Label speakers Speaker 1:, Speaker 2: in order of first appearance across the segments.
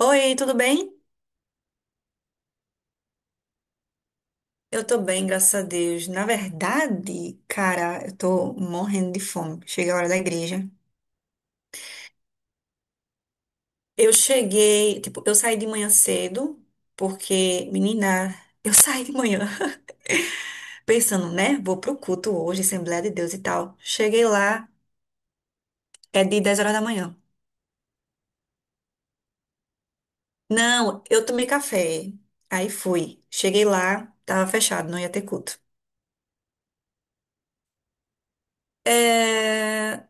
Speaker 1: Oi, tudo bem? Eu tô bem, graças a Deus. Na verdade, cara, eu tô morrendo de fome. Chega a hora da igreja. Tipo, eu saí de manhã cedo, porque, menina, eu saí de manhã pensando, né? Vou pro culto hoje, Assembleia de Deus e tal. Cheguei lá. É de 10 horas da manhã. Não, eu tomei café. Aí fui. Cheguei lá, tava fechado, não ia ter culto. É,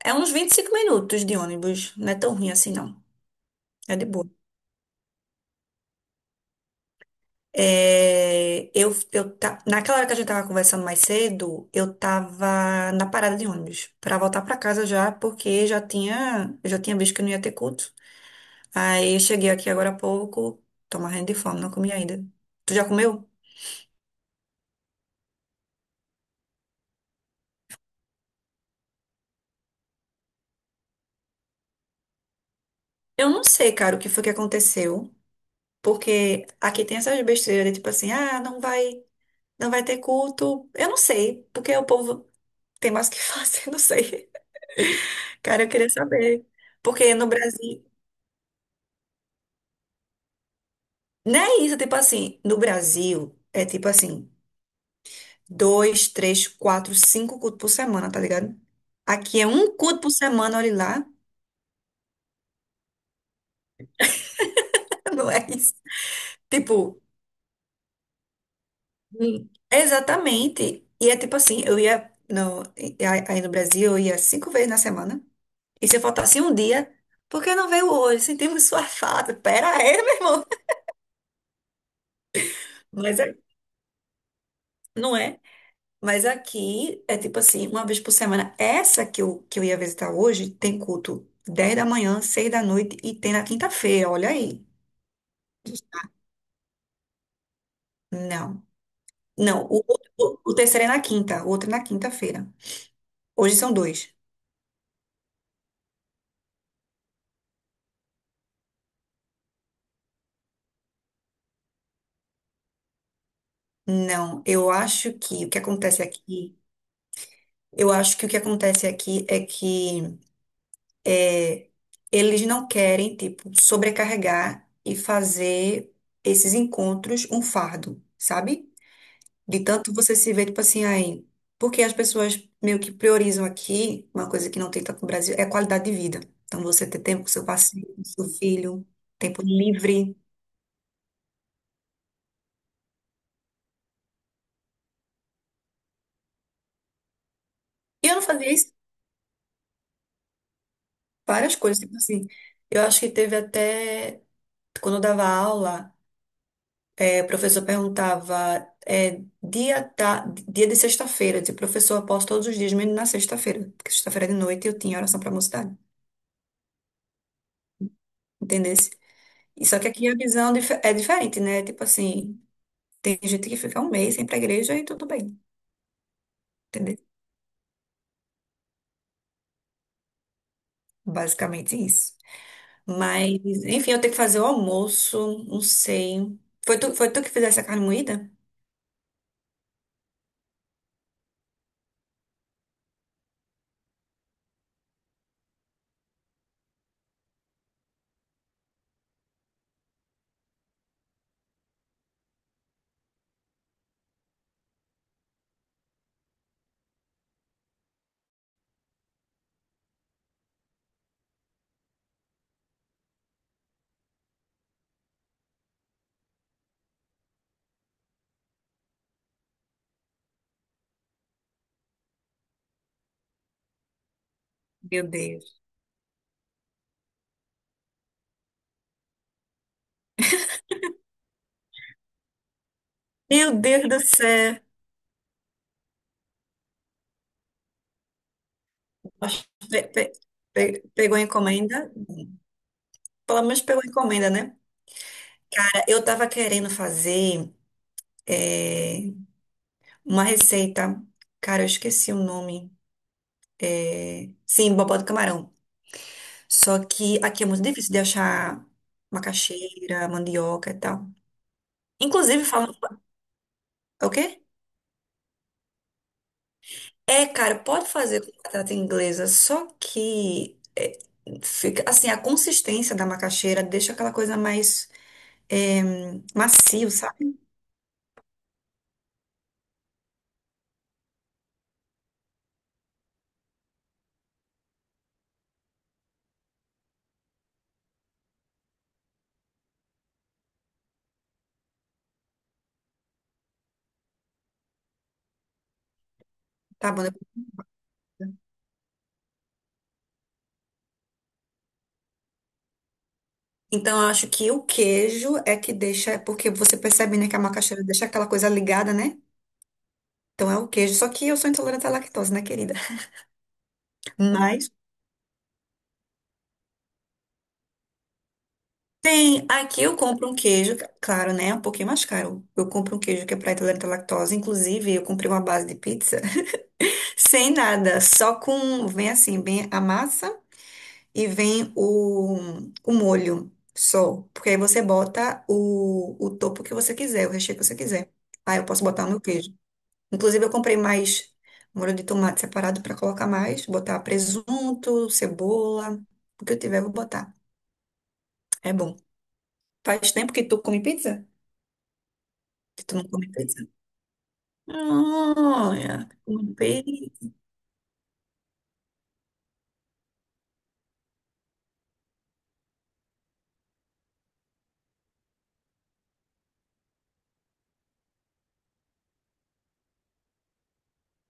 Speaker 1: é uns 25 minutos de ônibus, não é tão ruim assim, não. É de boa. Naquela hora que a gente tava conversando mais cedo, eu tava na parada de ônibus pra voltar pra casa já, porque eu já tinha visto que eu não ia ter culto. Aí eu cheguei aqui agora há pouco, tô morrendo de fome, não comi ainda. Tu já comeu? Eu não sei, cara, o que foi que aconteceu, porque aqui tem essas besteiras, tipo assim, ah, não vai ter culto. Eu não sei, porque o povo tem mais o que fazer, não sei. Cara, eu queria saber. Porque no Brasil Não é isso, tipo assim, no Brasil, é tipo assim, dois, três, quatro, cinco cultos por semana, tá ligado? Aqui é um culto por semana, olha lá. Não é isso. Tipo. Exatamente. E é tipo assim, eu ia no, e- aí no Brasil, eu ia 5 vezes na semana. E se eu faltasse um dia, por que não veio hoje? Sentimos sua falta. Pera aí, meu irmão. Mas é- não é. Mas aqui é tipo assim, uma vez por semana. Essa que eu ia visitar hoje tem culto 10 da manhã, 6 da noite e tem na quinta-feira, olha aí. Não. Não, o terceiro é na quinta, o outro é na quinta-feira. Hoje são dois. Não, eu acho que o que acontece aqui, eu acho que o que acontece aqui é que eles não querem, tipo, sobrecarregar e fazer esses encontros um fardo, sabe? De tanto você se vê, tipo assim, aí. Porque as pessoas meio que priorizam aqui, uma coisa que não tem tanto no Brasil, é a qualidade de vida. Então, você ter tempo com seu parceiro, com seu filho, tempo livre. E eu não fazia isso, várias coisas, tipo assim. Eu acho que teve até. Quando eu dava aula, o professor perguntava, dia de sexta-feira. Eu dizia, professor, eu posso todos os dias, menos na sexta-feira. Porque sexta-feira de noite eu tinha oração pra mocidade. Entendesse? E só que aqui a visão é diferente, né? Tipo assim. Tem gente que fica um mês sem ir pra igreja e tudo bem, entendeu? Basicamente isso. Mas, enfim, eu tenho que fazer o almoço, não sei. Foi tu que fizesse a carne moída? Meu Deus. Meu Deus do céu. Pe- pe- pegou a encomenda? Pelo menos pegou a encomenda, né? É, eu tava querendo fazer é, uma receita. Cara, eu esqueci o nome. É, sim, bobó do camarão. Só que aqui é muito difícil de achar macaxeira, mandioca e tal. Inclusive, falam. É, o quê? É, cara, pode fazer com batata inglesa, só que fica assim, a consistência da macaxeira deixa aquela coisa mais é, macio, sabe? Tá bom, né? Então, eu acho que o queijo é que deixa, porque você percebe, né, que a macaxeira deixa aquela coisa ligada, né? Então é o queijo, só que eu sou intolerante à lactose, né, querida? Mas tem, aqui eu compro um queijo, claro, né, um pouquinho mais caro. Eu compro um queijo que é para intolerante à lactose, inclusive eu comprei uma base de pizza sem nada, só com, vem assim, vem a massa e vem o molho só. Porque aí você bota o topo que você quiser, o recheio que você quiser. Aí eu posso botar o meu queijo. Inclusive eu comprei mais molho de tomate separado para colocar mais, botar presunto, cebola, o que eu tiver eu vou botar. É bom. Faz tempo que tu come pizza? Que tu não come pizza? Olha, come pizza.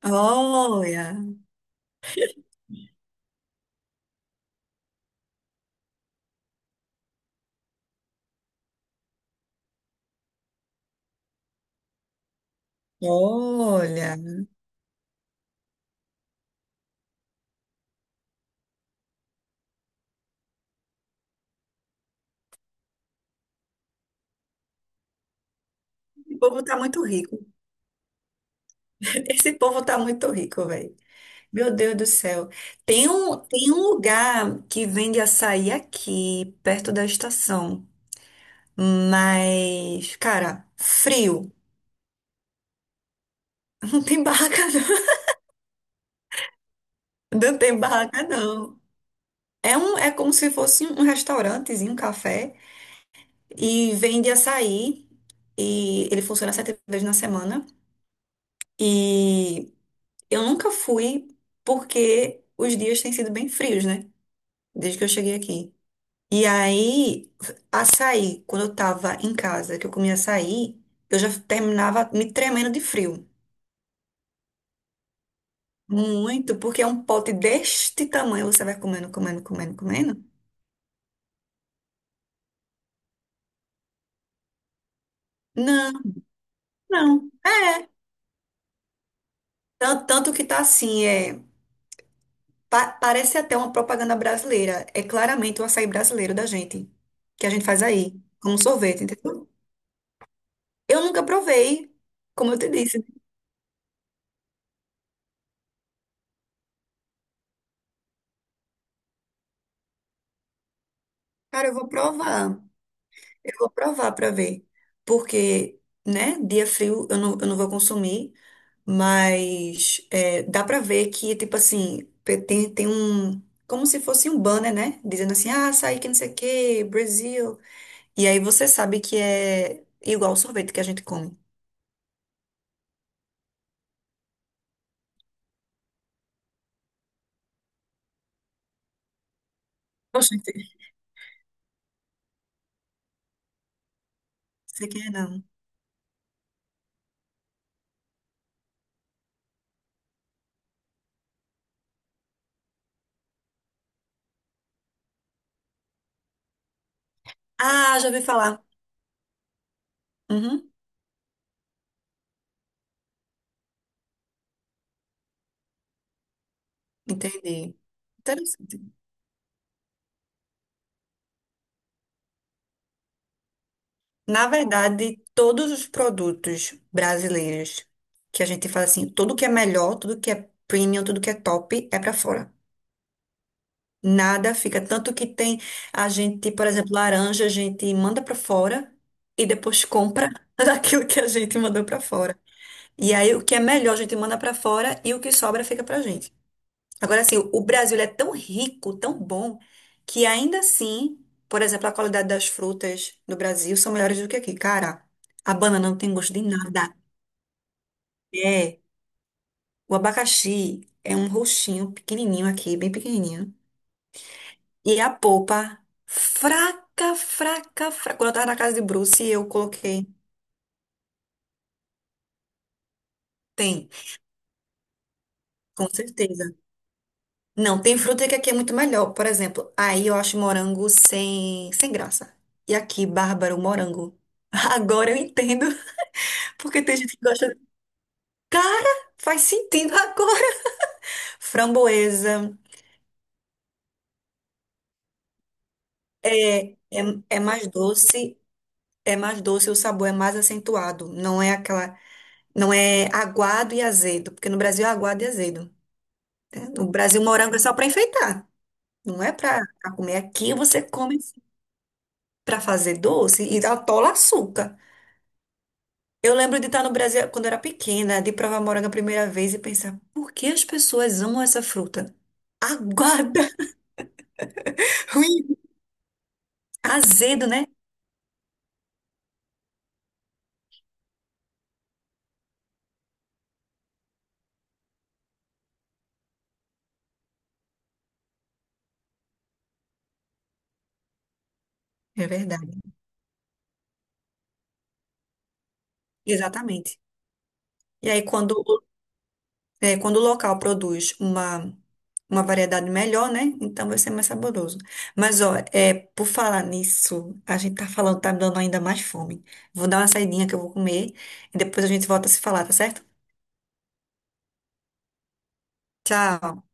Speaker 1: Olha, olha. O povo tá muito rico. Esse povo tá muito rico, velho. Meu Deus do céu. Tem um lugar que vende açaí aqui, perto da estação. Mas, cara, frio. Não tem barraca, não. Não tem barraca, não. É como se fosse um restaurantezinho, um café. E vende açaí. E ele funciona 7 vezes na semana. E eu nunca fui porque os dias têm sido bem frios, né? Desde que eu cheguei aqui. E aí, açaí, quando eu tava em casa, que eu comia açaí, eu já terminava me tremendo de frio. Muito, porque é um pote deste tamanho, você vai comendo, comendo, comendo, comendo. Não, não. É. Tanto, tanto que tá assim, parece até uma propaganda brasileira. É claramente o açaí brasileiro da gente, que a gente faz aí, como sorvete, entendeu? Eu nunca provei, como eu te disse. Cara, eu vou provar. Eu vou provar para ver. Porque, né, dia frio eu não vou consumir, mas dá para ver que, tipo assim, tem um. Como se fosse um banner, né? Dizendo assim, ah, açaí que não sei o quê, Brasil. E aí você sabe que é igual o sorvete que a gente come. Oxente. Você quer, não? Ah, já ouvi falar. Uhum, entendi. Interessante. Na verdade, todos os produtos brasileiros que a gente fala assim, tudo que é melhor, tudo que é premium, tudo que é top é para fora. Nada fica. Tanto que tem a gente, por exemplo, laranja, a gente manda para fora e depois compra daquilo que a gente mandou para fora. E aí o que é melhor a gente manda para fora e o que sobra fica pra gente. Agora, assim, o Brasil ele é tão rico, tão bom, que ainda assim, por exemplo, a qualidade das frutas no Brasil são melhores do que aqui. Cara, a banana não tem gosto de nada. É, o abacaxi é um roxinho pequenininho aqui, bem pequenininho. E a polpa, fraca, fraca, fraca. Quando eu tava na casa de Bruce, eu coloquei. Tem, com certeza. Não, tem fruta que aqui é muito melhor. Por exemplo, aí eu acho morango sem graça. E aqui, bárbaro, morango. Agora eu entendo, porque tem gente que gosta. Cara, faz sentido agora. Framboesa é, é, é mais doce, é mais doce, o sabor é mais acentuado. Não é aquela. Não é aguado e azedo, porque no Brasil é aguado e azedo, né? No Brasil, morango é só para enfeitar, não é para comer. Aqui você come para fazer doce e atola açúcar. Eu lembro de estar no Brasil quando eu era pequena, de provar morango a primeira vez e pensar, por que as pessoas amam essa fruta? Aguarda, ruim, azedo, né? É verdade. Exatamente. E aí, quando o local produz uma variedade melhor, né? Então vai ser mais saboroso. Mas, ó, por falar nisso, a gente tá falando, tá me dando ainda mais fome. Vou dar uma saidinha que eu vou comer e depois a gente volta a se falar, tá certo? Tchau.